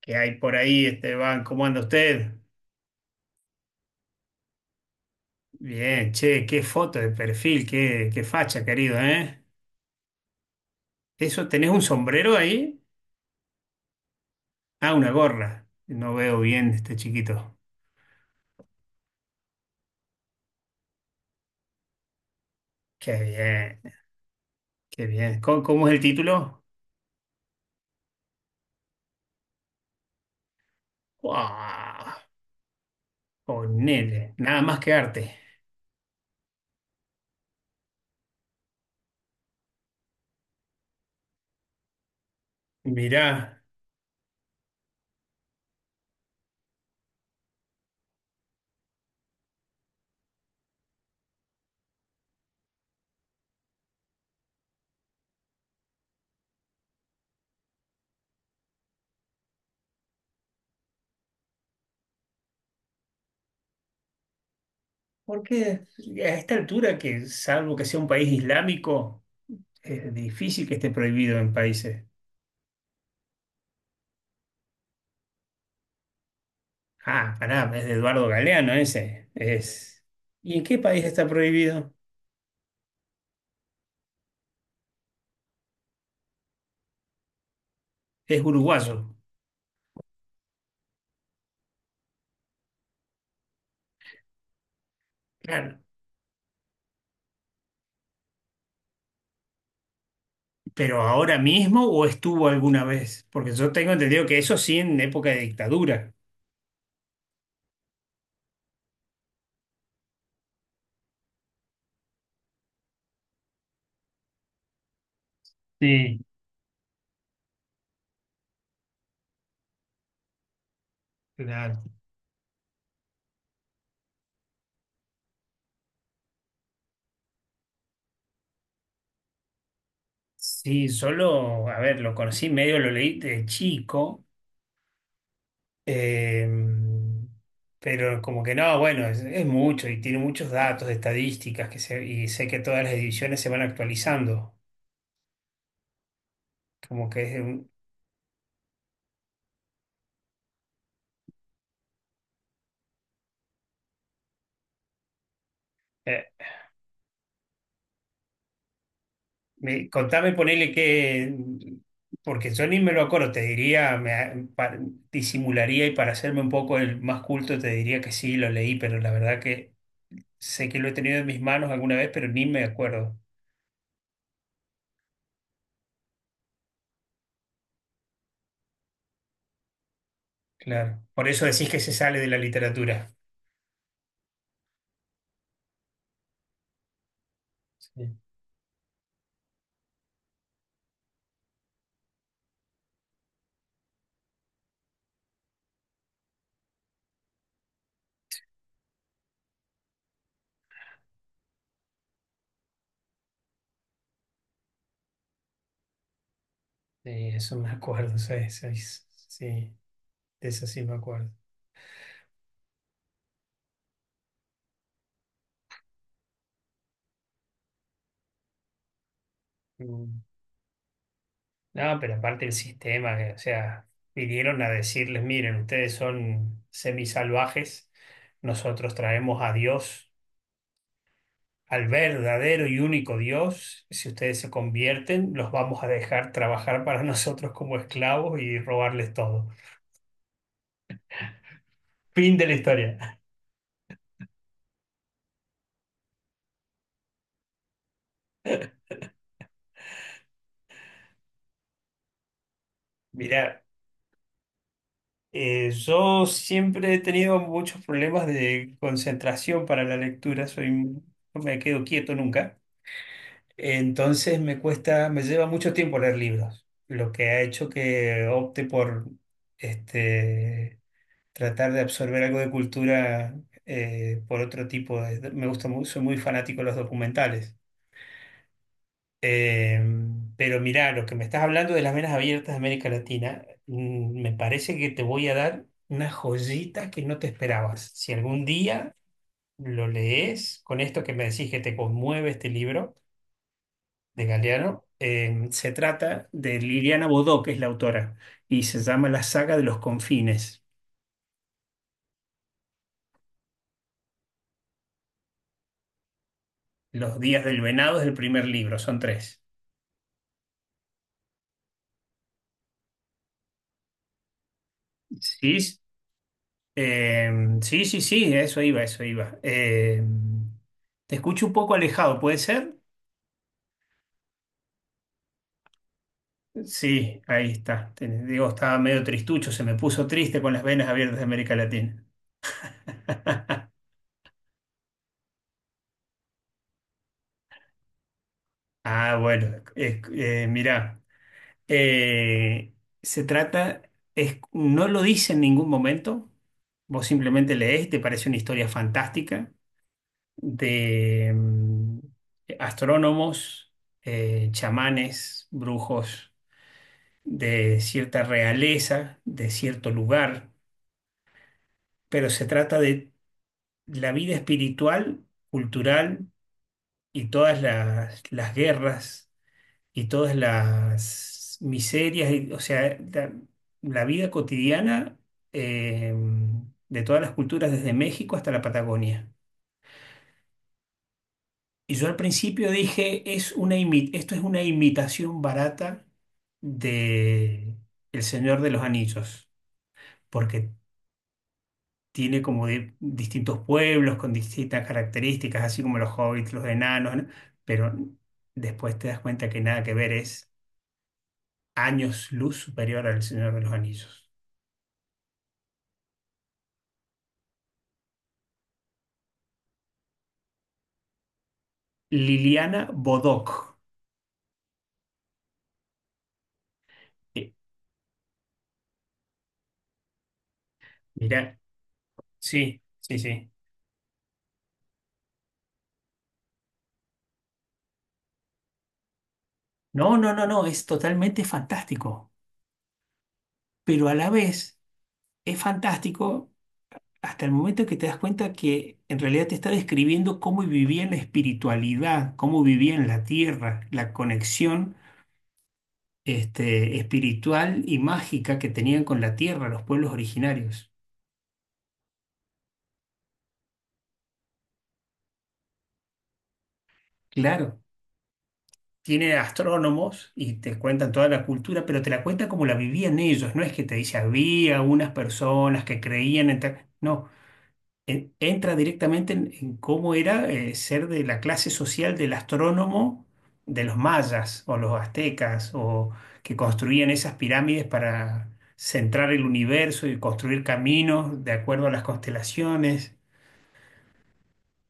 ¿Que hay por ahí, Esteban? ¿Cómo anda usted? Bien, che, qué foto de perfil, qué facha, querido, ¿eh? ¿Eso tenés un sombrero ahí? Ah, una gorra. No veo bien este chiquito. Qué bien, qué bien. ¿Cómo es el título? ¡Wow! Ponele, nada más que arte. Mirá, porque a esta altura, que salvo que sea un país islámico, es difícil que esté prohibido en países. Ah, pará, es de Eduardo Galeano ese. Es... ¿Y en qué país está prohibido? Es uruguayo. Claro. ¿Pero ahora mismo o estuvo alguna vez? Porque yo tengo entendido que eso sí en época de dictadura. Sí. Claro. Sí, solo, a ver, lo conocí medio, lo leí de chico, eh, pero como que no, bueno, es mucho y tiene muchos datos, estadísticas, que se, y sé que todas las ediciones se van actualizando, como que es eh, Me- contame, ponele que, porque yo ni me lo acuerdo, te diría, me, pa- disimularía y para hacerme un poco el más culto te diría que sí, lo leí, pero la verdad que sé que lo he tenido en mis manos alguna vez, pero ni me acuerdo. Claro. Por eso decís que se sale de la literatura. Sí, sí, eso me acuerdo, sí, sí, sí, de eso sí me acuerdo. No, pero aparte el sistema, que, o sea, vinieron a decirles, miren, ustedes son semisalvajes, nosotros traemos a Dios, al verdadero y único Dios, si ustedes se convierten, los vamos a dejar trabajar para nosotros como esclavos y robarles todo. Fin de la historia. Mira, yo siempre he tenido muchos problemas de concentración para la lectura, soy, no me quedo quieto nunca. Entonces me cuesta, me lleva mucho tiempo leer libros, lo que ha hecho que opte por este, tratar de absorber algo de cultura por otro tipo de... Me gusta mucho, soy muy fanático de los documentales. Eh, pero mirá, lo que me estás hablando de Las Venas Abiertas de América Latina, me parece que te voy a dar una joyita que no te esperabas. Si algún día lo lees con esto que me decís que te conmueve este libro de Galeano, se trata de Liliana Bodó, que es la autora, y se llama La saga de los confines. Los días del venado es el primer libro, son tres. Sí, s- eh, sí, sí, sí, eso iba, eso iba. Te escucho un poco alejado, ¿puede ser? Sí, ahí está. Te- digo, estaba medio tristucho, se me puso triste con Las Venas Abiertas de América Latina. Ah, bueno, mirá. Eh, Se trata, es- no lo dice en ningún momento, vos simplemente lees y te parece una historia fantástica de astrónomos, chamanes, brujos de cierta realeza, de cierto lugar, pero se trata de la vida espiritual, cultural y todas las guerras y todas las miserias, y- o sea, la vida cotidiana eh, de todas las culturas, desde México hasta la Patagonia. Y yo al principio dije, es una imi- esto es una imitación barata de El Señor de los Anillos, porque tiene como de- distintos pueblos con distintas características, así como los hobbits, los enanos, ¿no? Pero después te das cuenta que nada que ver, es años luz superior al Señor de los Anillos. Liliana Bodoc. Eh, Mira, sí, sí, sí. No, no, no, no, es totalmente fantástico, pero a la vez es fantástico hasta el momento que te das cuenta que en realidad te está describiendo cómo vivía la espiritualidad, cómo vivía en la tierra, la conexión este, espiritual y mágica que tenían con la tierra los pueblos originarios. Claro, tiene astrónomos y te cuentan toda la cultura, pero te la cuentan como la vivían ellos. No es que te dice, había unas personas que creían en tal-". No, en- entra directamente en cómo era ser de la clase social del astrónomo de los mayas o los aztecas o que construían esas pirámides para centrar el universo y construir caminos de acuerdo a las constelaciones.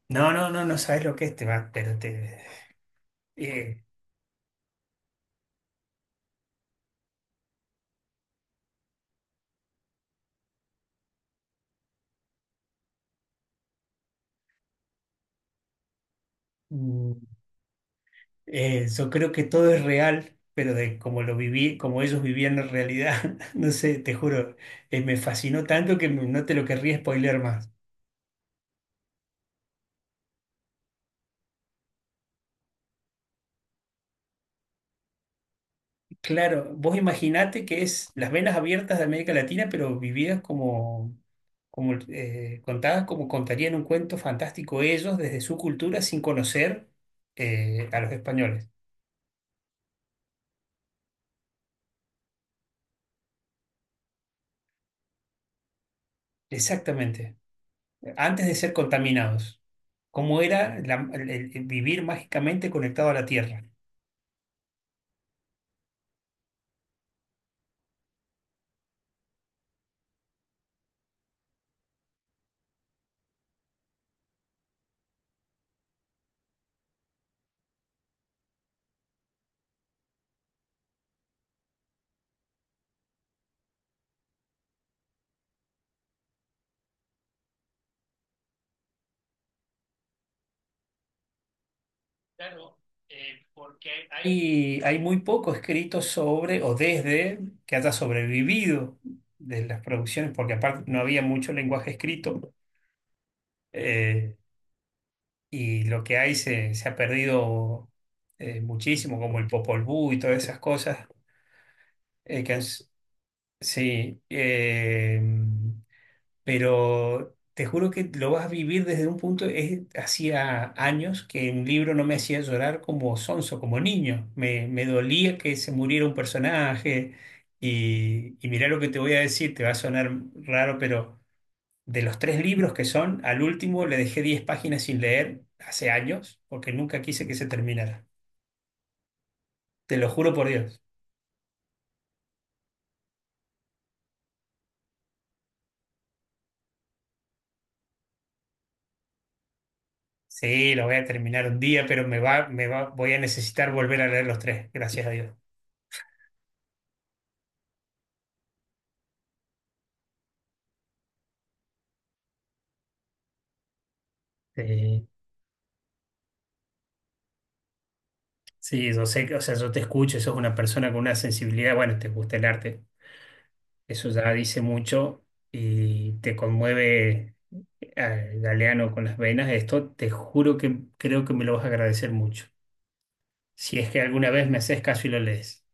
No, no, no, no sabes lo que es, te va, pero te... eh, yo creo que todo es real, pero de como lo viví, como ellos vivían en realidad, no sé, te juro, me fascinó tanto que no te lo querría spoiler más. Claro, vos imaginate que es Las Venas Abiertas de América Latina, pero vividas como, como contadas como contarían un cuento fantástico ellos desde su cultura sin conocer a los españoles. Exactamente, antes de ser contaminados. Cómo era la- el vivir mágicamente conectado a la tierra. Claro, porque hay, y hay muy poco escrito sobre o desde que haya sobrevivido de las producciones, porque aparte no había mucho lenguaje escrito eh, y lo que hay se, se ha perdido muchísimo, como el Popol Vuh y todas esas cosas que han sí, eh, pero te juro que lo vas a vivir desde un punto, es, hacía años que un libro no me hacía llorar como sonso, como niño. Me dolía que se muriera un personaje y mirá lo que te voy a decir, te va a sonar raro, pero de los tres libros que son, al último le dejé 10 páginas sin leer hace años porque nunca quise que se terminara. Te lo juro por Dios. Sí, lo voy a terminar un día, pero me va, voy a necesitar volver a leer los tres, gracias a Dios. Sí. Sí, yo sé que, o sea, yo te escucho, sos una persona con una sensibilidad, bueno, te gusta el arte, eso ya dice mucho y te conmueve al galeano con las venas, esto te juro que creo que me lo vas a agradecer mucho. Si es que alguna vez me haces caso y lo lees.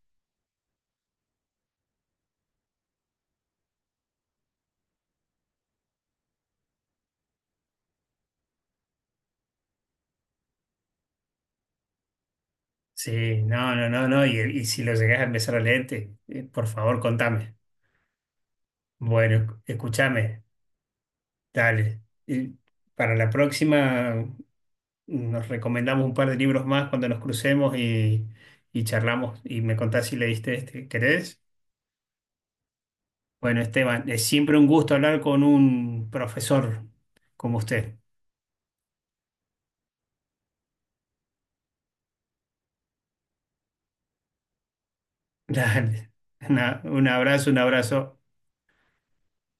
Sí, no, no, no, no, y si lo llegás a empezar a leerte, por favor, contame. Bueno, escúchame, dale. Y para la próxima nos recomendamos un par de libros más cuando nos crucemos y charlamos y me contás si leíste este. ¿Querés? Bueno, Esteban, es siempre un gusto hablar con un profesor como usted. Dale. Una- un abrazo, un abrazo.